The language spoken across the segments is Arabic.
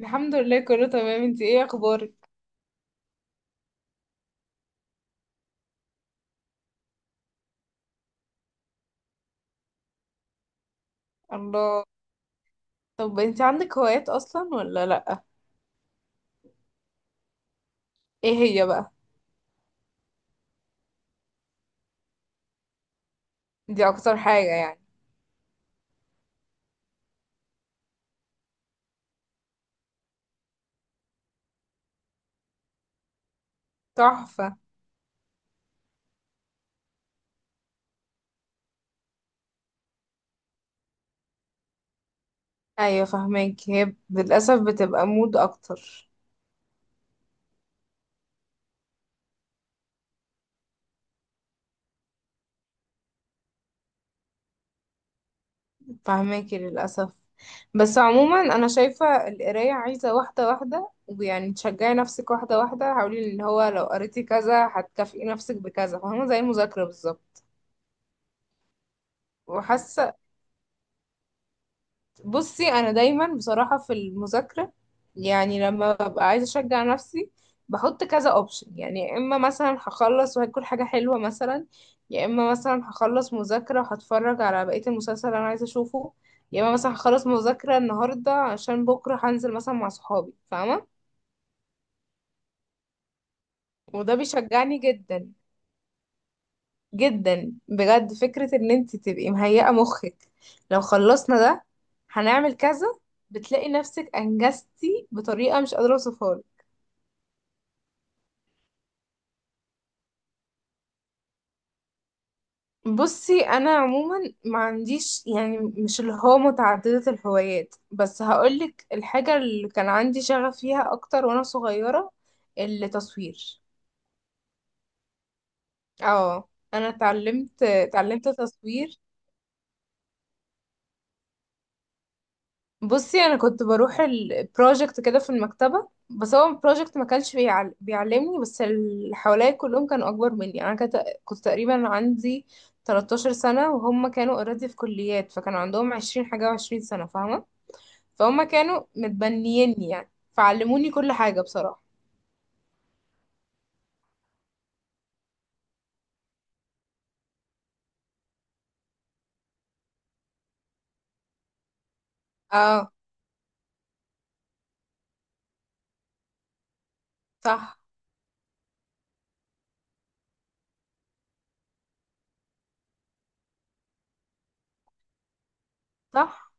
الحمد لله، كله تمام. انت ايه اخبارك؟ الله. طب انت عندك هوايات اصلا ولا لا؟ ايه هي بقى؟ دي اكتر حاجة يعني؟ تحفة. ايوه، فهماك. هي للاسف بتبقى مود اكتر. فهماكي للاسف. بس عموما انا شايفة القراية عايزة واحدة واحدة، ويعني تشجعي نفسك واحدة واحدة، حاولي ان هو لو قريتي كذا هتكافئي نفسك بكذا، فاهمة؟ زي المذاكرة بالظبط. وحاسة. بصي، انا دايما بصراحه في المذاكره، يعني لما ببقى عايزه اشجع نفسي، بحط كذا اوبشن. يعني يا اما مثلا هخلص وهاكل حاجه حلوه مثلا، يا اما مثلا هخلص مذاكره وهتفرج على بقيه المسلسل اللي انا عايزه اشوفه، يا اما مثلا هخلص مذاكره النهارده عشان بكره هنزل مثلا مع صحابي، فاهمه؟ وده بيشجعني جدا. جدا بجد، فكرة ان انت تبقي مهيئة مخك. لو خلصنا ده، هنعمل كذا. بتلاقي نفسك انجزتي بطريقة مش قادرة اوصفها لك. بصي، انا عموما ما عنديش يعني مش اللي هو متعددة الهوايات، بس هقولك الحاجة اللي كان عندي شغف فيها اكتر وانا صغيرة. التصوير. اه، انا اتعلمت تصوير. بصي، انا كنت بروح البروجكت كده في المكتبه، بس هو البروجكت ما كانش بيعلمني، بس اللي حواليا كلهم كانوا اكبر مني. يعني انا كنت تقريبا عندي 13 سنه، وهم كانوا اوريدي في كليات، فكانوا عندهم 20 حاجه و20 سنه، فاهمه؟ فهم كانوا متبنييني يعني، فعلموني كل حاجه بصراحه. اه. صح. صح،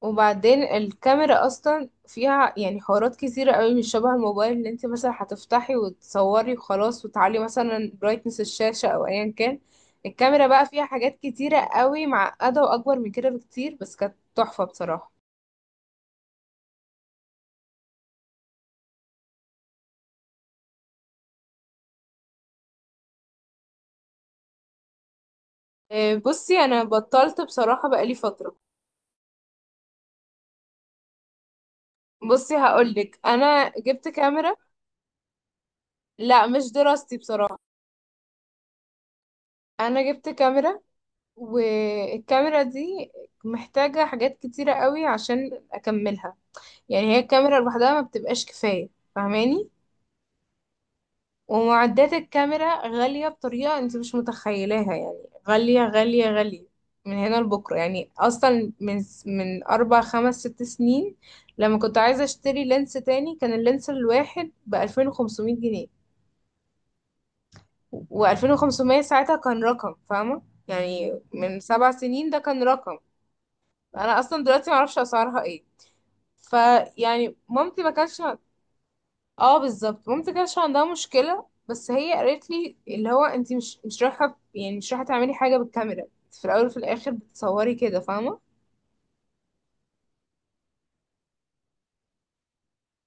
وبعدين الكاميرا اصلا فيها يعني حوارات كتيرة قوي، مش شبه الموبايل اللي انت مثلا هتفتحي وتصوري وخلاص وتعلي مثلا برايتنس الشاشة او ايا كان. الكاميرا بقى فيها حاجات كتيرة قوي معقدة واكبر من كده بكتير، بس كانت تحفة بصراحة. إيه، بصي انا بطلت بصراحة بقالي فترة. بصي، هقولك، انا جبت كاميرا. لا مش دراستي بصراحة. انا جبت كاميرا، والكاميرا دي محتاجة حاجات كتيرة قوي عشان اكملها. يعني هي الكاميرا لوحدها ما بتبقاش كفاية، فاهماني؟ ومعدات الكاميرا غالية بطريقة انت مش متخيلاها يعني. غالية غالية غالية، من هنا لبكرة يعني. اصلا من 4 5 6 سنين، لما كنت عايزة اشتري لينس تاني، كان اللينس الواحد ب2500 جنيه. وألفين وخمسمية ساعتها كان رقم، فاهمة؟ يعني من 7 سنين ده كان رقم. انا اصلا دلوقتي معرفش اسعارها ايه. فيعني مامتي ما كانش. اه بالظبط، مامتي كانش عندها مشكله، بس هي قالت لي اللي هو انت مش رايحه، يعني مش رايحه تعملي حاجه بالكاميرا. انت في الاول وفي الاخر بتصوري كده، فاهمه؟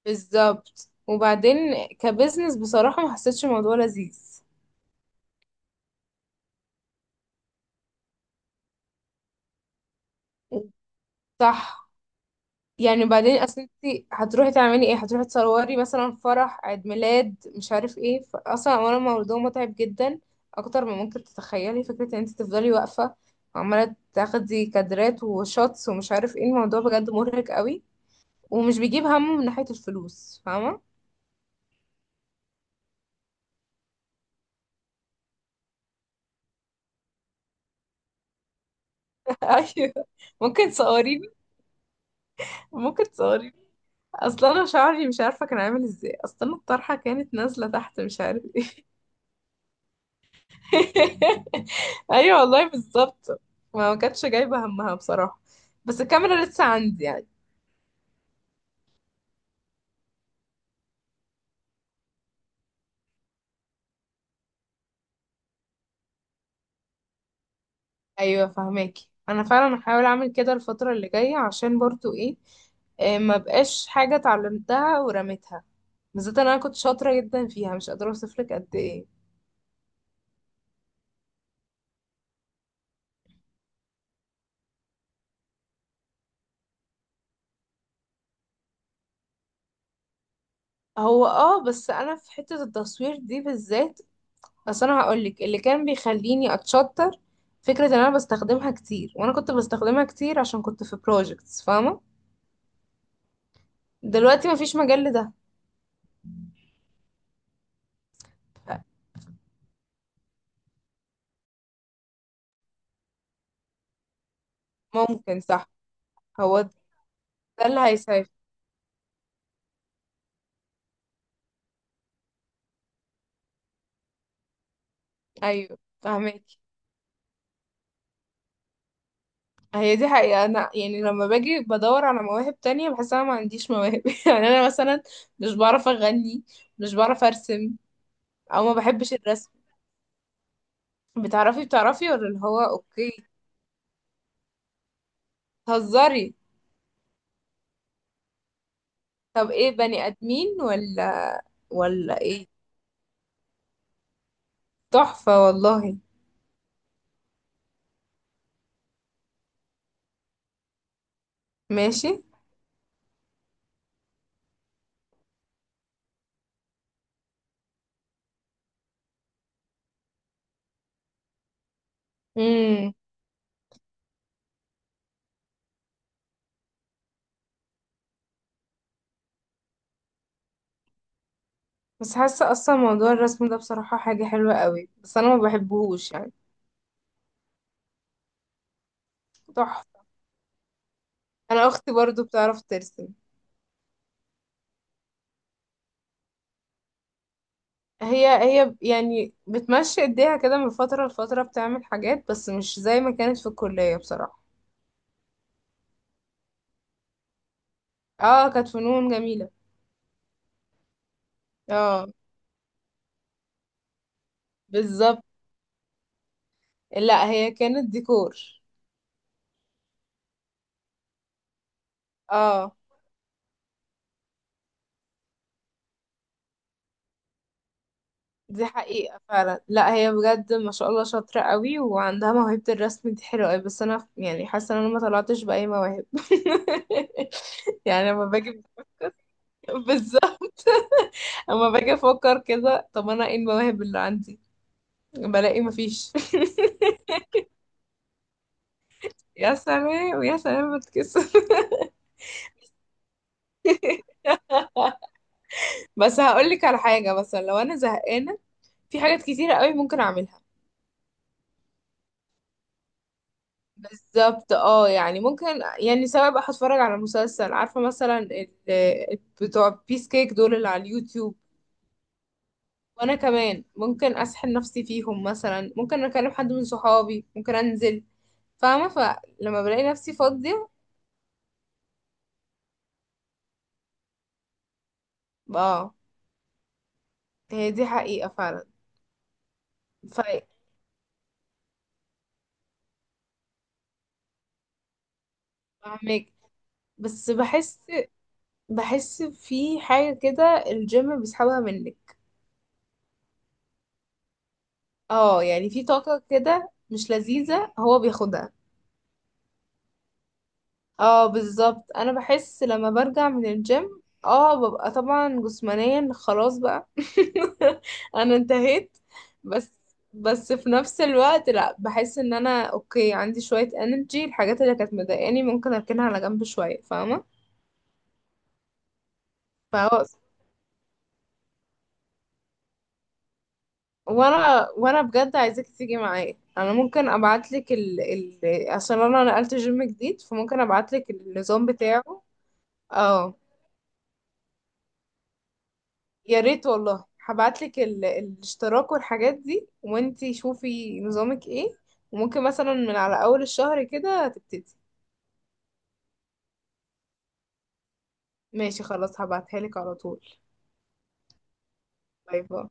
بالظبط. وبعدين كبزنس بصراحه ما حسيتش الموضوع لذيذ. صح. يعني بعدين اصل انت هتروحي تعملي ايه؟ هتروحي تصوري مثلا فرح، عيد ميلاد، مش عارف ايه. اصلا اولا الموضوع متعب جدا، اكتر ما ممكن تتخيلي. فكره ان انت تفضلي واقفه وعماله تاخدي كادرات وشوتس ومش عارف ايه، الموضوع بجد مرهق قوي. ومش بيجيب همه من ناحيه الفلوس، فاهمه؟ ايوه. ممكن تصوريني. ممكن تصوريني. اصلا انا شعري مش عارفه كان عامل ازاي، اصلا الطرحه كانت نازله تحت، مش عارف ايه. ايوه والله بالظبط. ما كانتش جايبه همها بصراحه. بس الكاميرا لسه عندي يعني. ايوه فهماكي، انا فعلا هحاول اعمل كده الفتره اللي جايه، عشان برضو ايه، إيه، ما بقاش حاجه اتعلمتها ورميتها، بالذات إن انا كنت شاطره جدا فيها مش قادره اوصفلك قد ايه. هو بس انا في حته التصوير دي بالذات، بس انا هقولك اللي كان بيخليني اتشطر، فكره ان انا بستخدمها كتير. وانا كنت بستخدمها كتير عشان كنت في بروجكتس، فاهمه؟ دلوقتي مفيش مجال لده. ممكن، صح. هو ده اللي هيساعد. ايوه فهمك. هي دي حقيقة، انا يعني لما باجي بدور على مواهب تانية بحس انا ما عنديش مواهب يعني انا مثلا مش بعرف اغني، مش بعرف ارسم، او ما بحبش الرسم. بتعرفي ولا اللي هو اوكي؟ تهزري. طب ايه، بني ادمين ولا ايه؟ تحفة والله. ماشي. امم بس حاسة اصلا موضوع الرسم ده بصراحة حاجة حلوة قوي، بس انا ما بحبهوش يعني. تحفة. انا اختي برضو بتعرف ترسم. هي هي يعني بتمشي ايديها كده من فترة لفترة بتعمل حاجات، بس مش زي ما كانت في الكلية بصراحة. اه كانت فنون جميلة. اه. بالظبط. لا هي كانت ديكور. اه. دي حقيقة فعلا. لا هي بجد ما شاء الله شاطرة قوي، وعندها موهبة. الرسم دي حلوة قوي، بس انا يعني حاسة ان انا ما طلعتش بأي مواهب يعني لما باجي. بالظبط. اما باجي افكر كده، طب انا ايه المواهب اللي عندي؟ بلاقي مفيش. يا سلام يا سلام، بتكسر بس هقولك على حاجة، مثلا لو أنا زهقانة في حاجات كتيرة قوي ممكن أعملها. بالظبط اه، يعني ممكن. يعني سواء بقى هتفرج على مسلسل، عارفة مثلا بتوع بيس كيك دول اللي على اليوتيوب. وأنا كمان ممكن أسحل نفسي فيهم، مثلا ممكن أكلم حد من صحابي، ممكن أنزل، فاهمة؟ فلما بلاقي نفسي فاضية. اه هي دي حقيقة فعلا. فاهمك. بس بحس في حاجة كده الجيم بيسحبها منك. اه يعني في طاقة كده مش لذيذة هو بياخدها. اه بالظبط، انا بحس لما برجع من الجيم ببقى طبعا جسمانيا خلاص بقى انا انتهيت. بس بس في نفس الوقت لا، بحس ان انا اوكي، عندي شوية انرجي. الحاجات اللي كانت مضايقاني ممكن اركنها على جنب شوية، فاهمة؟ فهو، وانا بجد عايزاك تيجي معايا. انا ممكن ابعت لك عشان انا نقلت جيم جديد، فممكن ابعت لك النظام بتاعه. اه يا ريت والله، هبعت لك الاشتراك والحاجات دي، وانتي شوفي نظامك ايه، وممكن مثلا من على اول الشهر كده تبتدي. ماشي خلاص، هبعتها لك على طول. باي باي.